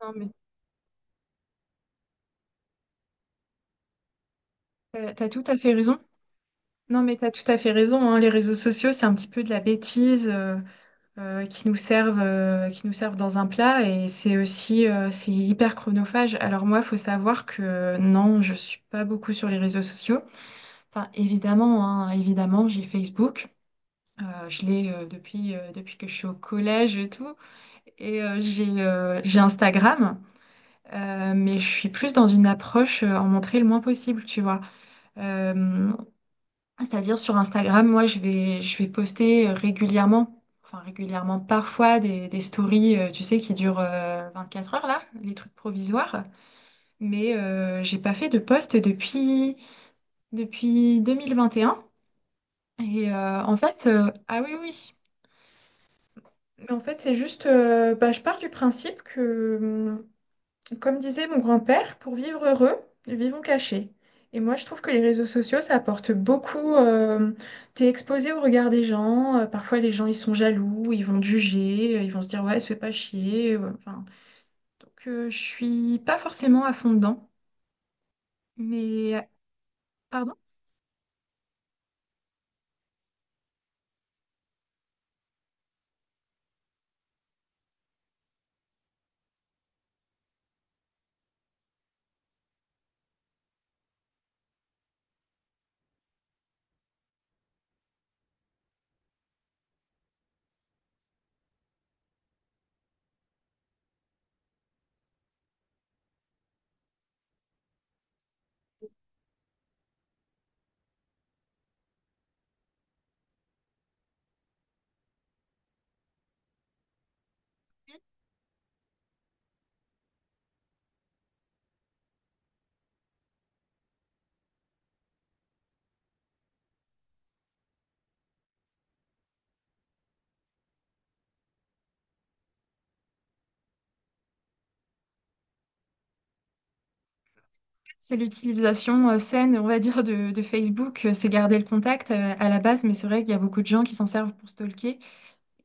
Non, mais t'as tout à fait raison. Non, mais t'as tout à fait raison, hein. Les réseaux sociaux, c'est un petit peu de la bêtise qui nous servent, dans un plat et c'est aussi c'est hyper chronophage. Alors moi, faut savoir que non, je suis pas beaucoup sur les réseaux sociaux. Enfin, évidemment, hein, évidemment, j'ai Facebook. Je l'ai depuis que je suis au collège et tout. Et j'ai Instagram, mais je suis plus dans une approche en montrer le moins possible, tu vois. Euh, C'est-à-dire sur Instagram, moi, je vais poster régulièrement, enfin régulièrement, parfois des stories, tu sais, qui durent 24 heures, là, les trucs provisoires. Mais j'ai pas fait de post depuis 2021. Et un. Et en fait, ah oui, oui. Mais en fait, c'est juste, bah, je pars du principe que, comme disait mon grand-père, pour vivre heureux, vivons cachés. Et moi, je trouve que les réseaux sociaux, ça apporte beaucoup. T'es exposé au regard des gens. Parfois, les gens, ils sont jaloux, ils vont te juger, ils vont se dire, ouais, se fais pas chier. Ouais, enfin. Donc, je suis pas forcément à fond dedans. Mais, pardon, c'est l'utilisation saine, on va dire, de, Facebook. C'est garder le contact à la base, mais c'est vrai qu'il y a beaucoup de gens qui s'en servent pour stalker.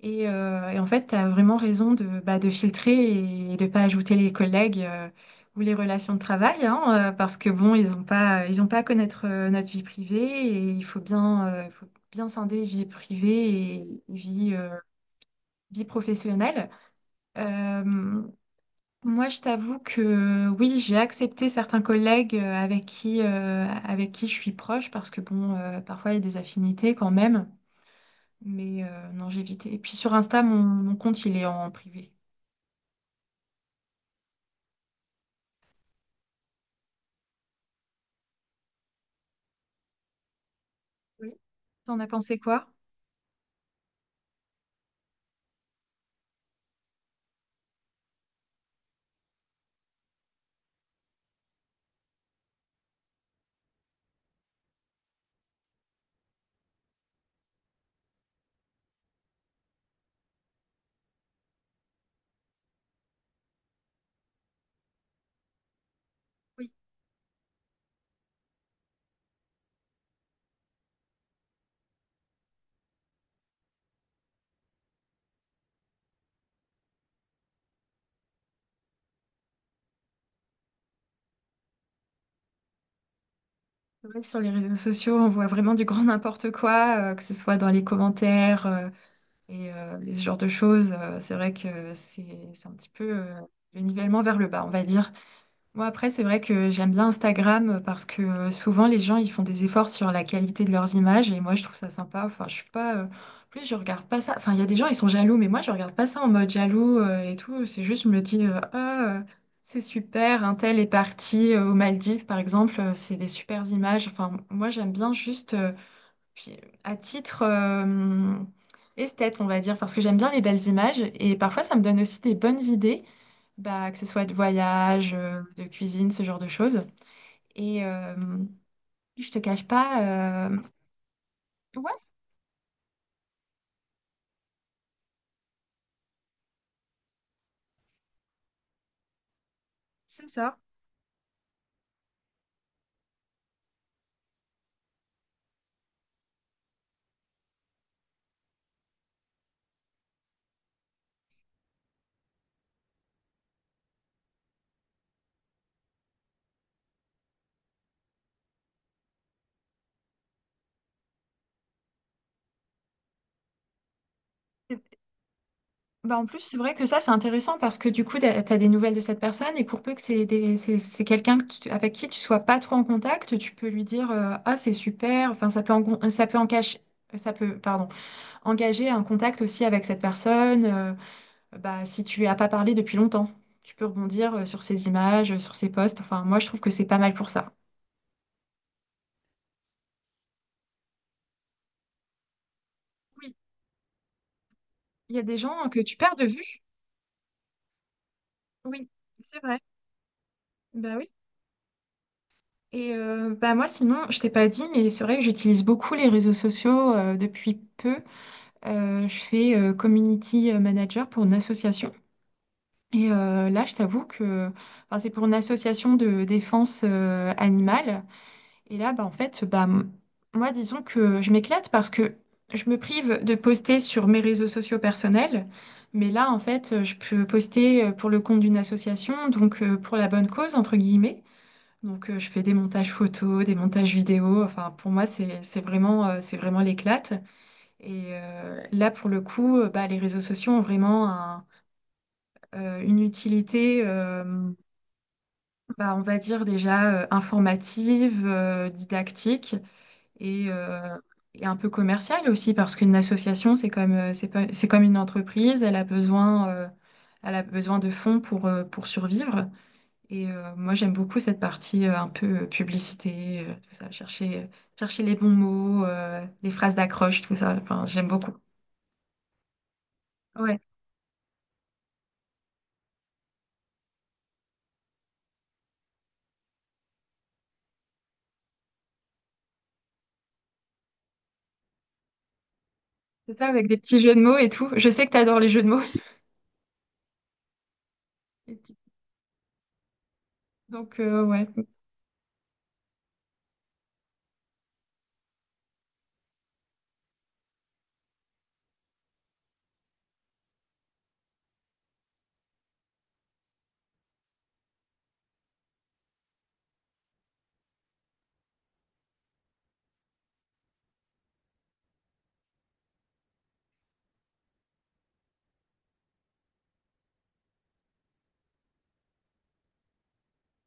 Et en fait, tu as vraiment raison de, de filtrer et de pas ajouter les collègues ou les relations de travail, hein, parce que bon, ils ont pas à connaître notre vie privée et faut bien scinder vie privée et vie professionnelle. Euh, Moi, je t'avoue que oui, j'ai accepté certains collègues avec qui je suis proche, parce que bon, parfois il y a des affinités quand même. Mais non, j'ai évité. Et puis sur Insta, mon compte, il est en privé. Oui, t'en as pensé quoi? Oui. C'est vrai que sur les réseaux sociaux, on voit vraiment du grand n'importe quoi, que ce soit dans les commentaires ce genre de choses. C'est vrai que c'est un petit peu le nivellement vers le bas, on va dire. Moi, après, c'est vrai que j'aime bien Instagram parce que souvent les gens ils font des efforts sur la qualité de leurs images et moi je trouve ça sympa. Enfin, je suis pas. En plus je regarde pas ça. Enfin, il y a des gens ils sont jaloux, mais moi je regarde pas ça en mode jaloux et tout. C'est juste, je me dis, c'est super, un tel est parti aux Maldives par exemple, c'est des supers images. Enfin, moi j'aime bien juste. Puis, à titre esthète, on va dire, parce que j'aime bien les belles images et parfois ça me donne aussi des bonnes idées, bah, que ce soit de voyage, de cuisine, ce genre de choses. Et je te cache pas, ouais, c'est ça. Bah, en plus, c'est vrai que ça, c'est intéressant parce que du coup, tu as des nouvelles de cette personne et pour peu que c'est quelqu'un que avec qui tu sois pas trop en contact, tu peux lui dire Ah, c'est super, enfin, ça peut en cacher, ça peut, pardon. Engager un contact aussi avec cette personne, bah, si tu as pas parlé depuis longtemps. Tu peux rebondir sur ses images, sur ses posts. Enfin, moi, je trouve que c'est pas mal pour ça. Oui, il y a des gens que tu perds de vue. Oui, c'est vrai. Bah oui. Et bah moi, sinon, je t'ai pas dit, mais c'est vrai que j'utilise beaucoup les réseaux sociaux depuis peu. Je fais community manager pour une association. Et là, je t'avoue que enfin, c'est pour une association de défense animale. Et là, bah, en fait, bah, moi, disons que je m'éclate parce que je me prive de poster sur mes réseaux sociaux personnels. Mais là, en fait, je peux poster pour le compte d'une association, donc pour la bonne cause, entre guillemets. Donc, je fais des montages photos, des montages vidéos. Enfin, pour moi, c'est vraiment l'éclate. Et là, pour le coup, bah, les réseaux sociaux ont vraiment une utilité, bah, on va dire déjà informative, didactique et, euh, et un peu commercial aussi parce qu'une association c'est comme c'est pas- c'est comme une entreprise. Elle a besoin de fonds pour survivre et moi j'aime beaucoup cette partie un peu publicité, tout ça, chercher chercher les bons mots, les phrases d'accroche, tout ça, enfin j'aime beaucoup. Ouais, c'est ça, avec des petits jeux de mots et tout, je sais que t'adores les jeux de mots. Les petits- donc ouais.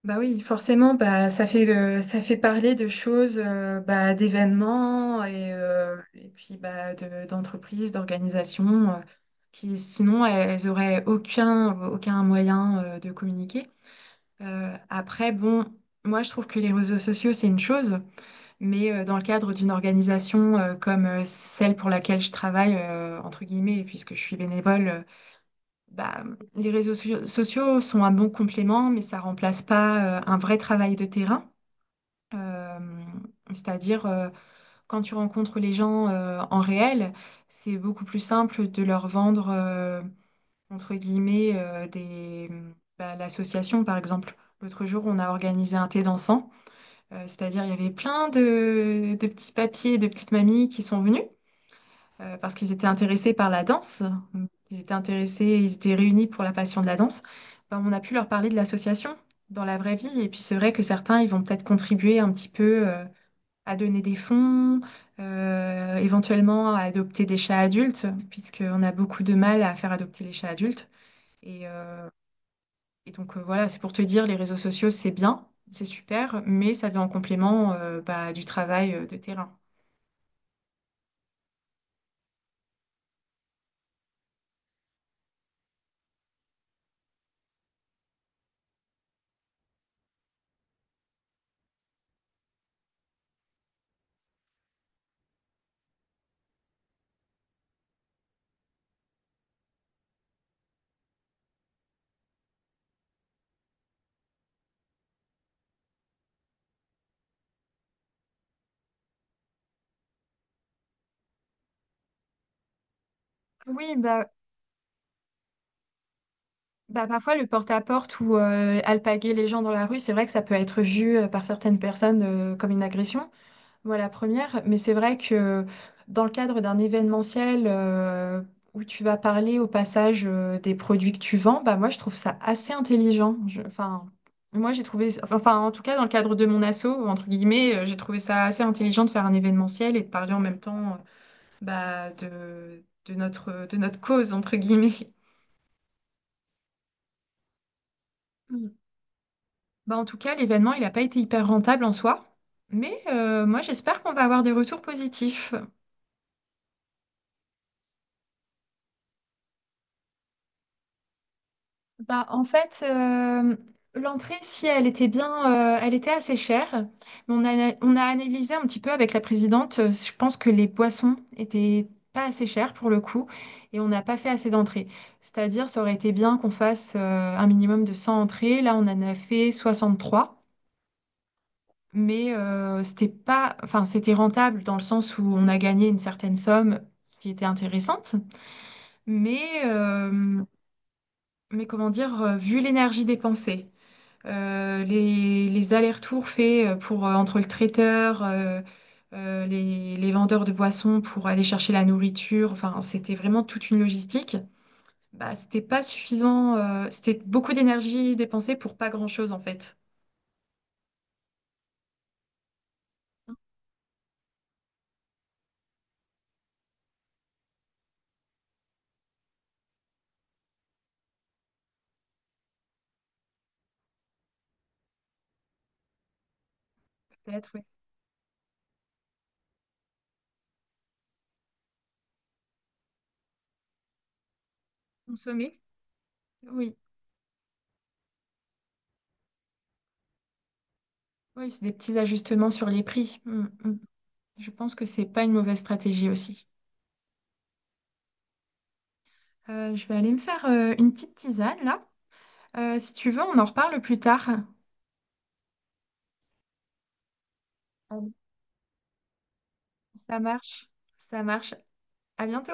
Bah oui, forcément, bah ça fait parler de choses, bah, d'événements et puis bah d'entreprises, d'organisations qui sinon elles auraient aucun moyen de communiquer. Après, bon, moi je trouve que les réseaux sociaux c'est une chose, mais dans le cadre d'une organisation comme celle pour laquelle je travaille entre guillemets, puisque je suis bénévole, bah, les sociaux sont un bon complément, mais ça remplace pas un vrai travail de terrain. Euh, C'est-à-dire, quand tu rencontres les gens en réel, c'est beaucoup plus simple de leur vendre, entre guillemets, l'association, par exemple. L'autre jour, on a organisé un thé dansant. C'est-à-dire il y avait plein de petits papiers, de petites mamies qui sont venues parce qu'ils étaient intéressés par la danse. Ils étaient réunis pour la passion de la danse. Ben, on a pu leur parler de l'association dans la vraie vie. Et puis c'est vrai que certains, ils vont peut-être contribuer un petit peu à donner des fonds, éventuellement à adopter des chats adultes, puisqu'on a beaucoup de mal à faire adopter les chats adultes. Et, euh, et donc voilà, c'est pour te dire, les réseaux sociaux, c'est bien, c'est super, mais ça vient en complément bah, du travail de terrain. Oui, bah. Bah, parfois, le porte-à-porte ou alpaguer les gens dans la rue, c'est vrai que ça peut être vu par certaines personnes comme une agression. Moi, la première, mais c'est vrai que dans le cadre d'un événementiel où tu vas parler au passage des produits que tu vends, bah, moi, je trouve ça assez intelligent. Enfin, moi, j'ai trouvé, enfin, en tout cas, dans le cadre de mon asso, entre guillemets, j'ai trouvé ça assez intelligent de faire un événementiel et de parler en même temps bah, de notre cause, entre guillemets. Bah, en tout cas, l'événement, il n'a pas été hyper rentable en soi, mais moi, j'espère qu'on va avoir des retours positifs. Bah, en fait, l'entrée, si elle était bien, elle était assez chère, mais on a analysé un petit peu avec la présidente. Je pense que les boissons étaient pas assez chères pour le coup, et on n'a pas fait assez d'entrées. C'est-à-dire, ça aurait été bien qu'on fasse un minimum de 100 entrées. Là, on en a fait 63. Mais c'était pas, enfin, c'était rentable dans le sens où on a gagné une certaine somme qui était intéressante, mais, euh, comment dire, vu l'énergie dépensée, les allers-retours faits pour entre le traiteur, les vendeurs de boissons pour aller chercher la nourriture, enfin, c'était vraiment toute une logistique. Bah, c'était pas suffisant, c'était beaucoup d'énergie dépensée pour pas grand-chose en fait. Peut-être, oui. Consommer, oui. Oui, c'est des petits ajustements sur les prix. Mm, mm. Je pense que c'est pas une mauvaise stratégie aussi. Je vais aller me faire une petite tisane là. Si tu veux, on en reparle plus tard. Allez. Ça marche. Ça marche. À bientôt.